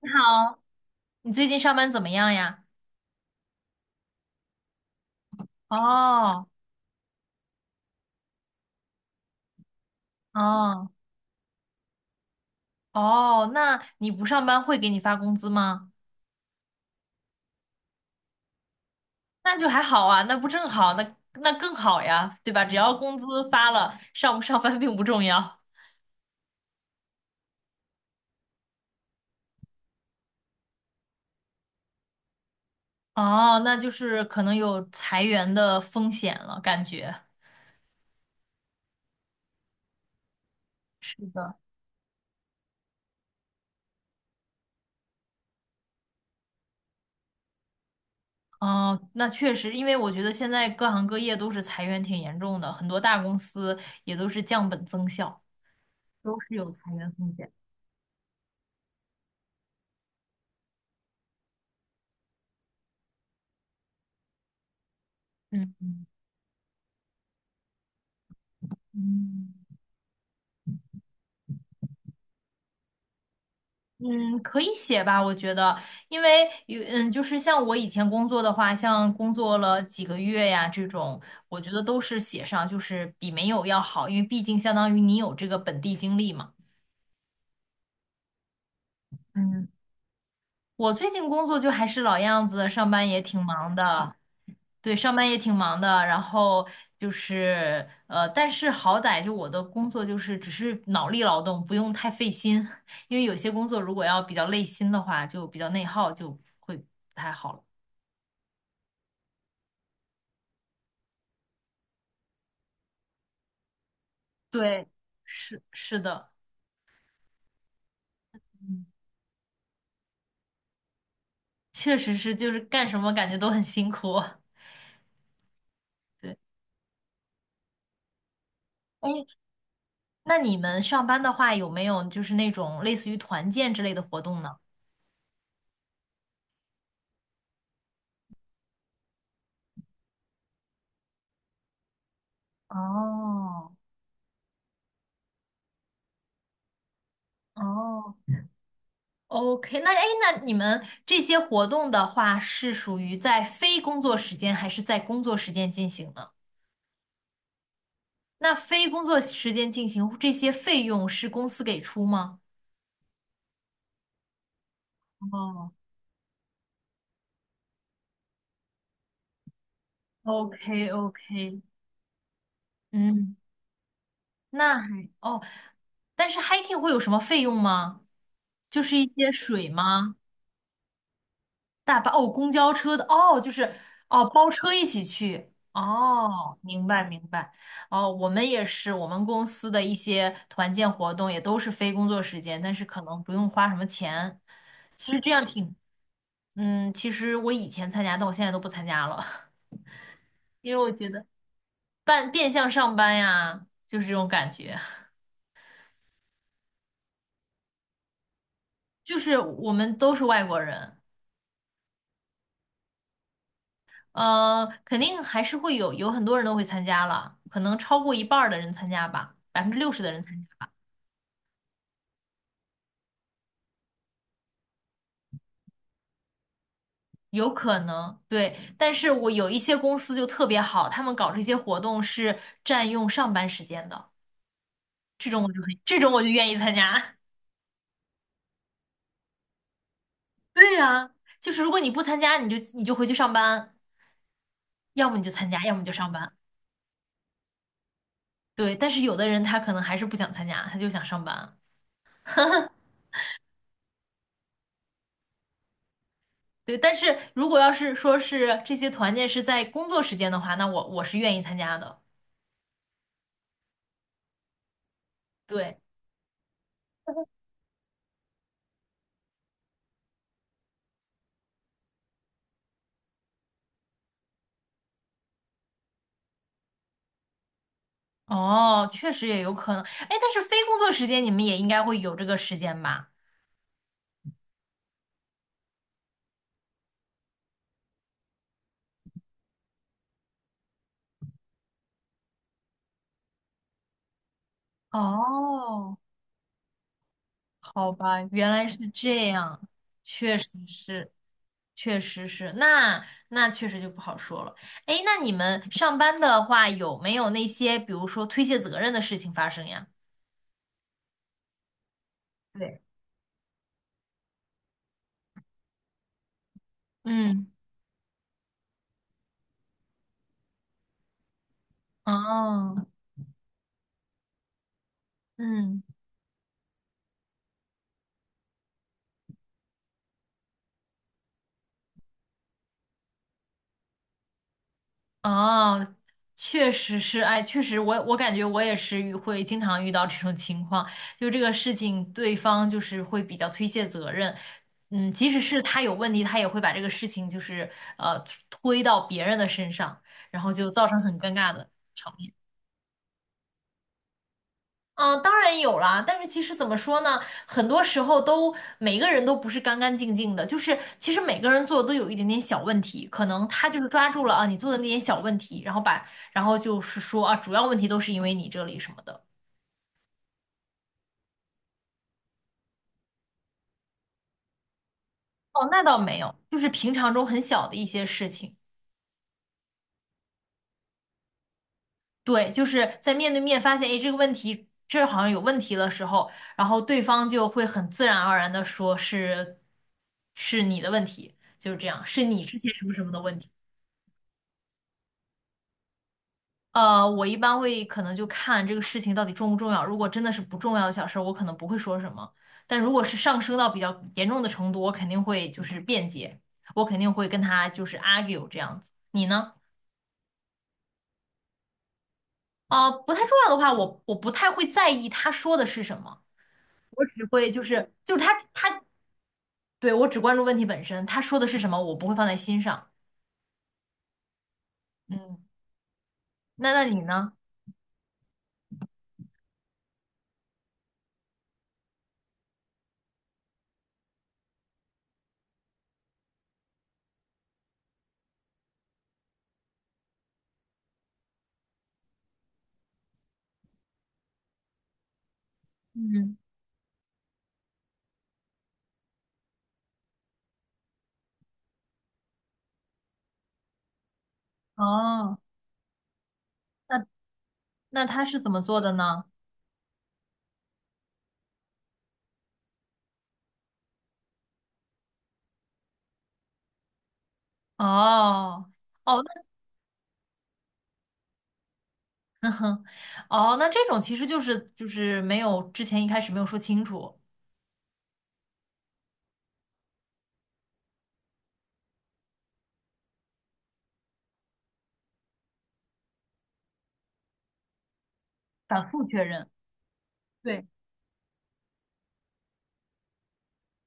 你好，你最近上班怎么样呀？哦哦哦，那你不上班会给你发工资吗？那就还好啊，那不正好，那更好呀，对吧？只要工资发了，上不上班并不重要。哦，那就是可能有裁员的风险了，感觉。是的。哦，那确实，因为我觉得现在各行各业都是裁员挺严重的，很多大公司也都是降本增效，都是有裁员风险。嗯嗯。嗯，可以写吧，我觉得，因为有就是像我以前工作的话，像工作了几个月呀这种，我觉得都是写上，就是比没有要好，因为毕竟相当于你有这个本地经历嘛。嗯。我最近工作就还是老样子，上班也挺忙的，对，上班也挺忙的。然后就是但是好歹就我的工作就是只是脑力劳动，不用太费心，因为有些工作如果要比较累心的话，就比较内耗，就会不太好了。对，是的，嗯，确实是，就是干什么感觉都很辛苦。对，哎，那你们上班的话，有没有就是那种类似于团建之类的活动呢？哦哦，OK，那哎，那你们这些活动的话，是属于在非工作时间还是在工作时间进行呢？那非工作时间进行这些费用是公司给出吗？哦，OK OK，嗯，那还哦，但是 hiking 会有什么费用吗？就是一些水吗？大巴哦，公交车的哦，就是哦，包车一起去哦，明白明白哦，我们也是，我们公司的一些团建活动也都是非工作时间，但是可能不用花什么钱。其实这样挺，其实我以前参加，但我现在都不参加了，因为我觉得半变相上班呀，就是这种感觉，就是我们都是外国人，肯定还是会有很多人都会参加了，可能超过一半儿的人参加吧，60%的人参加。有可能，对，但是我有一些公司就特别好，他们搞这些活动是占用上班时间的，这种我就愿意参加。对呀，就是如果你不参加，你就回去上班，要么你就参加，要么你就上班。对，但是有的人他可能还是不想参加，他就想上班。对，但是如果要是说是这些团建是在工作时间的话，那我是愿意参加的。对，哦，确实也有可能。哎，但是非工作时间你们也应该会有这个时间吧？哦，好吧，原来是这样，确实是，确实是，那确实就不好说了。哎，那你们上班的话，有没有那些比如说推卸责任的事情发生呀？对，嗯，哦，嗯。哦，确实是，哎，确实我感觉我也是会经常遇到这种情况，就这个事情，对方就是会比较推卸责任，嗯，即使是他有问题，他也会把这个事情就是呃推到别人的身上，然后就造成很尴尬的场面。嗯，当然有啦，但是其实怎么说呢，很多时候都每个人都不是干干净净的，就是其实每个人做的都有一点点小问题，可能他就是抓住了啊你做的那点小问题，然后把然后就是说啊主要问题都是因为你这里什么的。哦，那倒没有，就是平常中很小的一些事情。对，就是在面对面发现，哎，这个问题这儿好像有问题的时候，然后对方就会很自然而然的说是你的问题，就是这样，是你之前什么什么的问题。我一般会可能就看这个事情到底重不重要。如果真的是不重要的小事儿，我可能不会说什么。但如果是上升到比较严重的程度，我肯定会就是辩解，我肯定会跟他就是 argue 这样子。你呢？啊、不太重要的话，我不太会在意他说的是什么，我只会就是他对我只关注问题本身，他说的是什么，我不会放在心上。嗯，那你呢？嗯，哦，那那他是怎么做的呢？哦。哦，嗯，哦，那这种其实就是没有之前一开始没有说清楚，反复确认。对，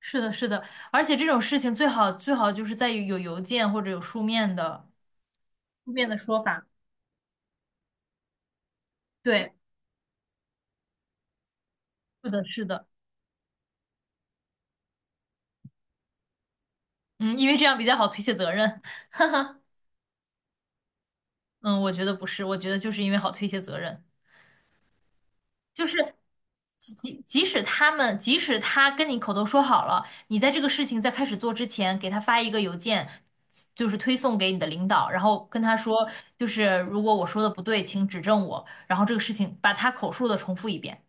是的，是的，而且这种事情最好最好就是在于有邮件或者有书面的说法。对，是的，是的，嗯，因为这样比较好推卸责任。嗯，我觉得不是，我觉得就是因为好推卸责任。就是即使他们，即使他跟你口头说好了，你在这个事情在开始做之前，给他发一个邮件，就是推送给你的领导，然后跟他说，就是如果我说的不对，请指正我，然后这个事情把他口述的重复一遍，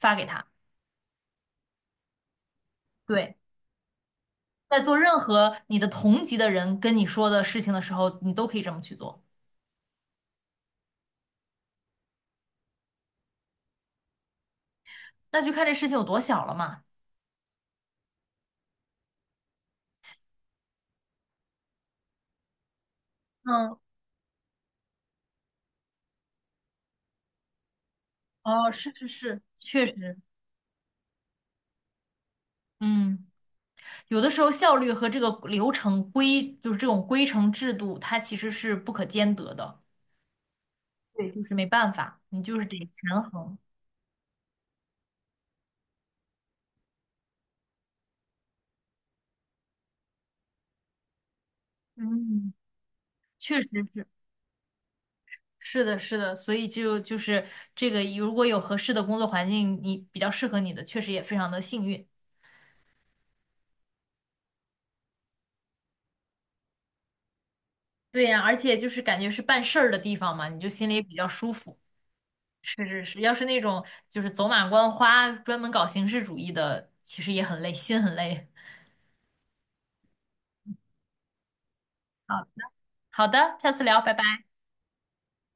发给他。对，在做任何你的同级的人跟你说的事情的时候，你都可以这么去做。那就看这事情有多小了嘛。嗯，哦，是是是，确实，嗯。有的时候效率和这个流程规，就是这种规程制度，它其实是不可兼得的，对，就是没办法，你就是得权衡。嗯，确实是，是的，是的，所以就是这个，如果有合适的工作环境，你比较适合你的，确实也非常的幸运。对呀，而且就是感觉是办事儿的地方嘛，你就心里也比较舒服。是是是，要是那种就是走马观花，专门搞形式主义的，其实也很累，心很累。好好的，下次聊，拜拜。